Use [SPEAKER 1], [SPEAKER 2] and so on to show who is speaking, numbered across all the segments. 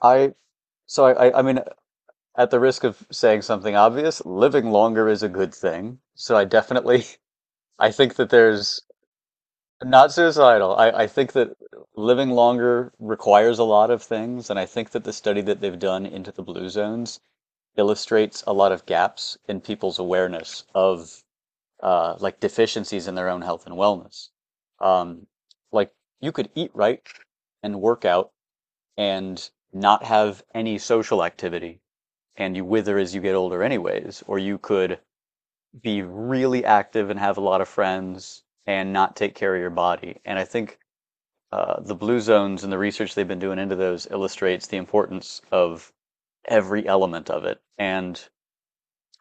[SPEAKER 1] I so I mean at the risk of saying something obvious, living longer is a good thing. So I definitely I think that there's not suicidal. I think that living longer requires a lot of things, and I think that the study that they've done into the blue zones illustrates a lot of gaps in people's awareness of like deficiencies in their own health and wellness. Um, like you could eat right and work out and not have any social activity and you wither as you get older, anyways, or you could be really active and have a lot of friends and not take care of your body. And I think the blue zones and the research they've been doing into those illustrates the importance of every element of it. And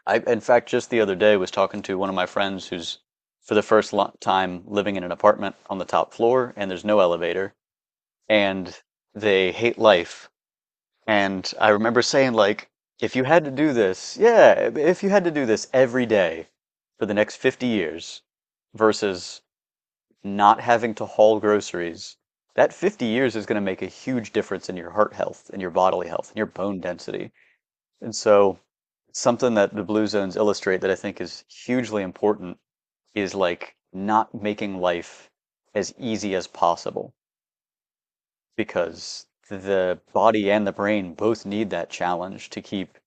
[SPEAKER 1] I in fact, just the other day was talking to one of my friends who's for the first time living in an apartment on the top floor, and there's no elevator, and they hate life. And I remember saying, like, if you had to do this, yeah, if you had to do this every day for the next 50 years versus not having to haul groceries, that 50 years is going to make a huge difference in your heart health, in your bodily health, in your bone density. And so, something that the Blue Zones illustrate that I think is hugely important is like not making life as easy as possible, because the body and the brain both need that challenge to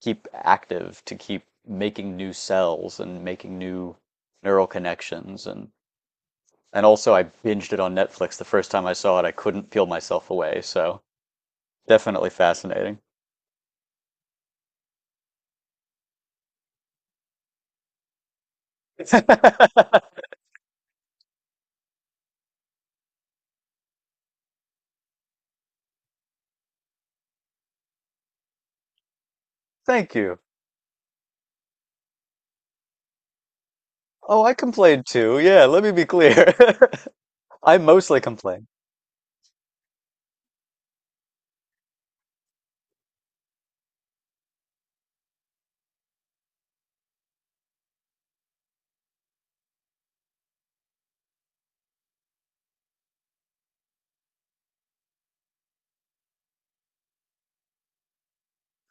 [SPEAKER 1] keep active, to keep making new cells and making new neural connections. And also, I binged it on Netflix the first time I saw it. I couldn't peel myself away, so definitely fascinating. Thank you. Oh, I complained too. Yeah, let me be clear. I mostly complain.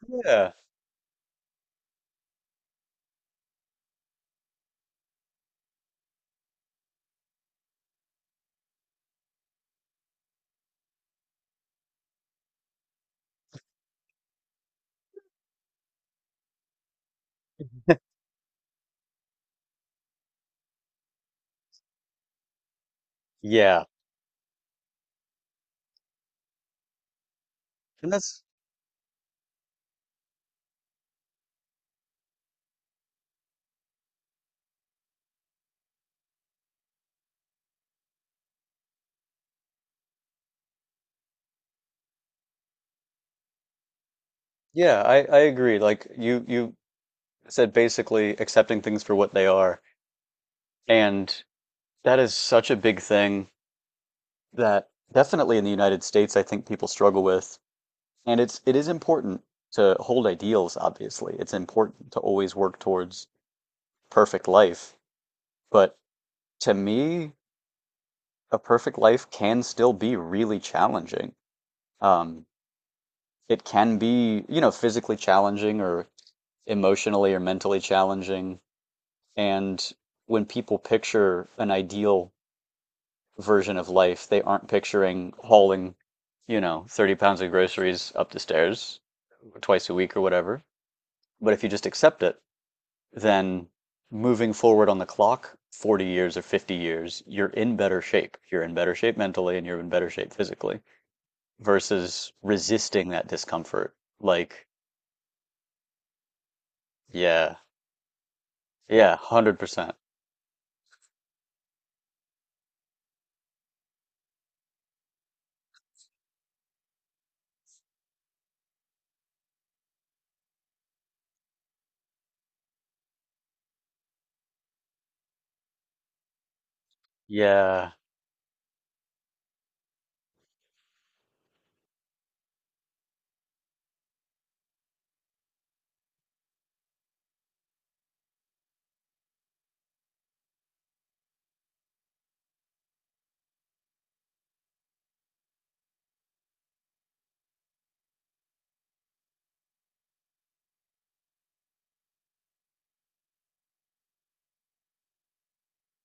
[SPEAKER 1] Yeah. Yeah. And that's yeah, I agree. Like, you said, basically accepting things for what they are, and that is such a big thing. That definitely in the United States, I think people struggle with. And it is important to hold ideals, obviously. It's important to always work towards perfect life. But to me, a perfect life can still be really challenging. Um, it can be, you know, physically challenging or emotionally or mentally challenging. And when people picture an ideal version of life, they aren't picturing hauling, you know, 30 pounds of groceries up the stairs twice a week or whatever. But if you just accept it, then moving forward on the clock, 40 years or 50 years, you're in better shape. You're in better shape mentally and you're in better shape physically versus resisting that discomfort. Like, yeah, yeah, 100%. Yeah.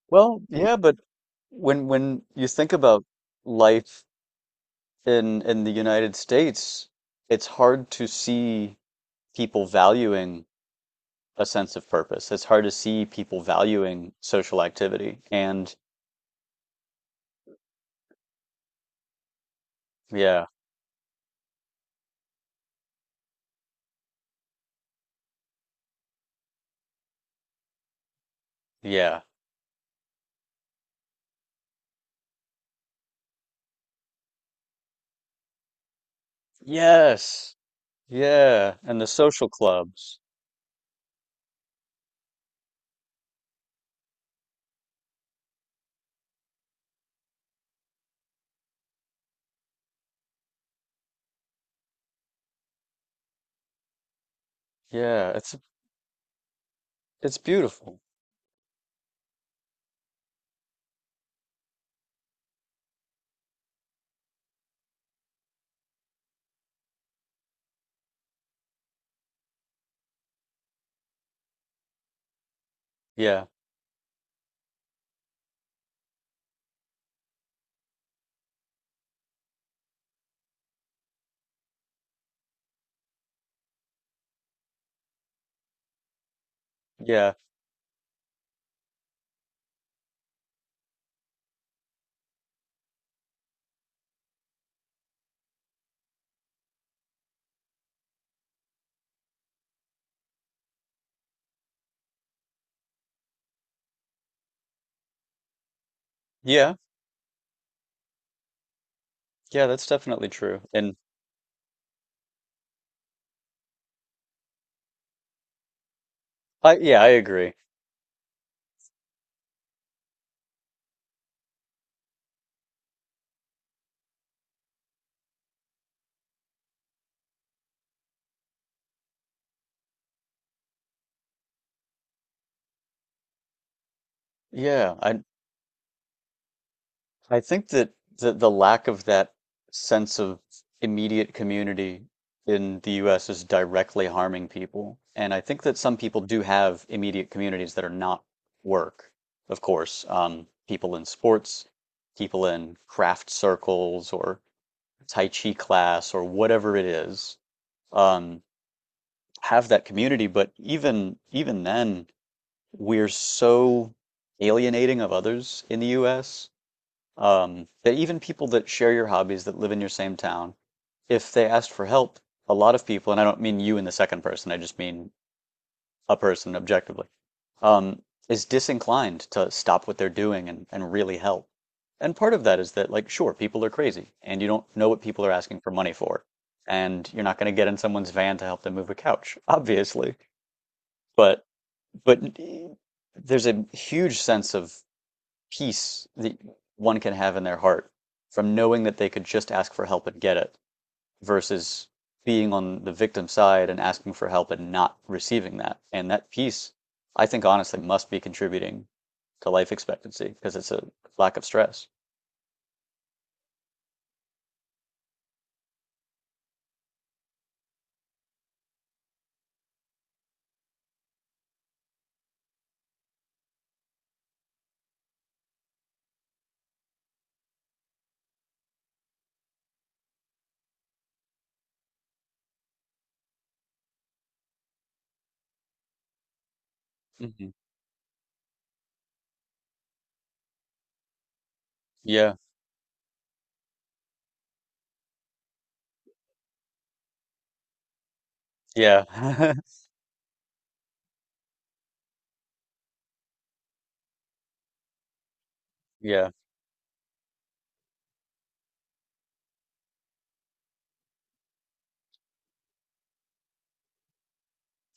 [SPEAKER 1] Well, yeah, but when you think about life in the United States, it's hard to see people valuing a sense of purpose. It's hard to see people valuing social activity. And yeah, yeah. Yes. Yeah, and the social clubs. Yeah, it's beautiful. Yeah. Yeah. Yeah. Yeah, that's definitely true. And I yeah, I agree. Yeah, I think that the lack of that sense of immediate community in the US is directly harming people. And I think that some people do have immediate communities that are not work, of course. People in sports, people in craft circles or Tai Chi class or whatever it is, um, have that community. But even then, we're so alienating of others in the US, that even people that share your hobbies that live in your same town, if they asked for help, a lot of people, and I don't mean you in the second person, I just mean a person objectively, um, is disinclined to stop what they're doing and really help. And part of that is that, like, sure, people are crazy and you don't know what people are asking for money for. And you're not going to get in someone's van to help them move a couch, obviously. But, but there's a huge sense of peace that one can have in their heart from knowing that they could just ask for help and get it, versus being on the victim side and asking for help and not receiving that. And that peace, I think honestly, must be contributing to life expectancy because it's a lack of stress. Hmm. Yeah. Yeah. Yeah.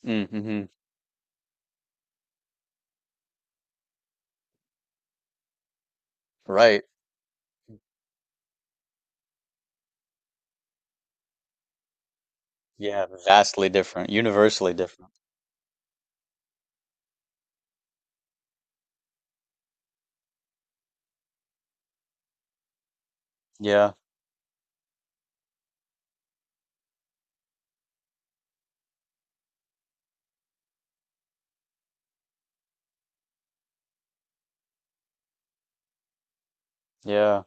[SPEAKER 1] Mm-hmm. Right. Yeah. Vastly different, universally different. Yeah. Yeah.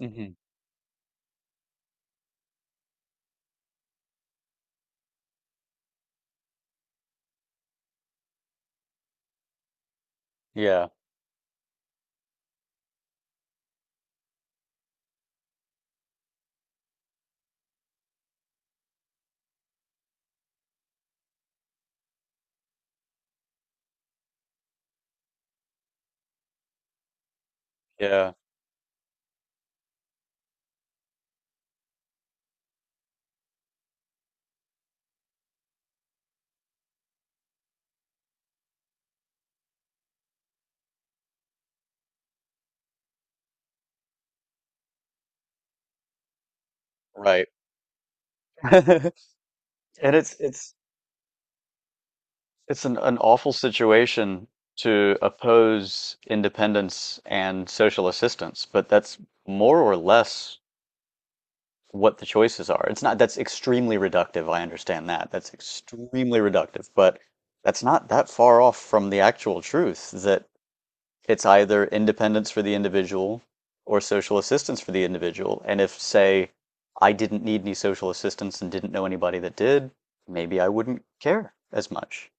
[SPEAKER 1] Hmm. Yeah. Yeah. Right. And it's an awful situation to oppose independence and social assistance, but that's more or less what the choices are. It's not, that's extremely reductive. I understand that. That's extremely reductive, but that's not that far off from the actual truth that it's either independence for the individual or social assistance for the individual. And if, say, I didn't need any social assistance and didn't know anybody that did, maybe I wouldn't care as much.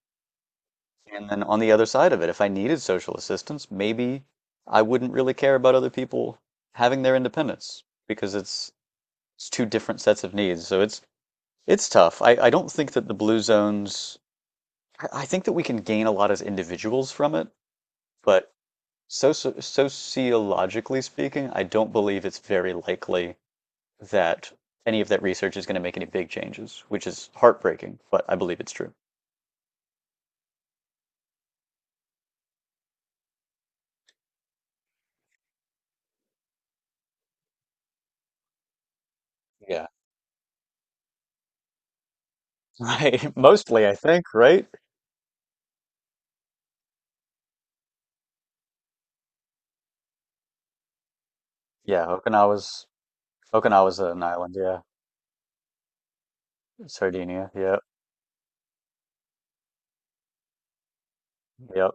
[SPEAKER 1] And then on the other side of it, if I needed social assistance, maybe I wouldn't really care about other people having their independence, because it's two different sets of needs. So it's tough. I don't think that the blue zones, I think that we can gain a lot as individuals from it, but sociologically speaking, I don't believe it's very likely that any of that research is going to make any big changes, which is heartbreaking, but I believe it's true. Yeah. Right. Mostly, I think, right? Yeah, Okinawa's an island, yeah. Sardinia, yep, yep.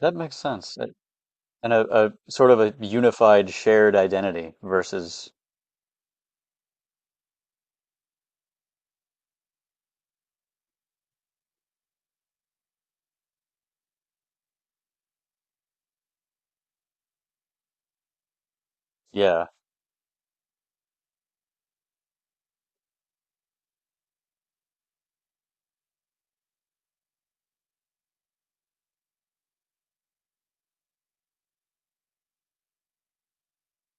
[SPEAKER 1] That makes sense. It- And a sort of a unified shared identity versus, yeah,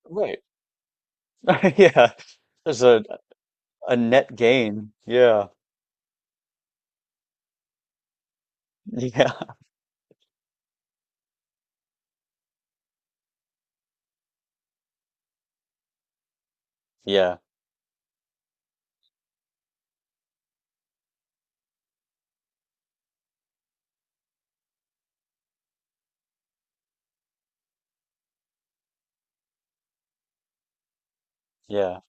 [SPEAKER 1] right. Yeah. There's a net gain. Yeah. Yeah. Yeah. Yeah.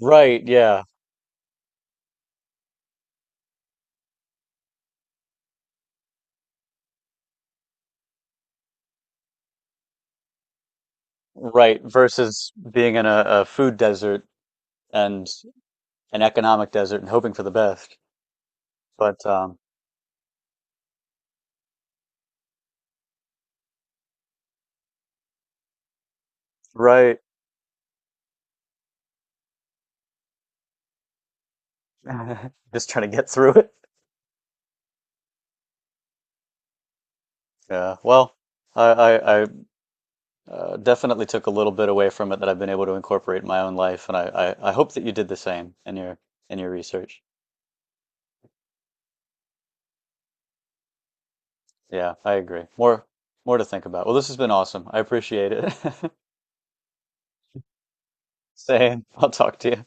[SPEAKER 1] Right, yeah. Right. Versus being in a food desert and an economic desert and hoping for the best. But right. Just trying to get through it. Yeah. Well, I definitely took a little bit away from it that I've been able to incorporate in my own life, and I hope that you did the same in your research. Yeah, I agree. More to think about. Well, this has been awesome. I appreciate it. Same. I'll talk to you.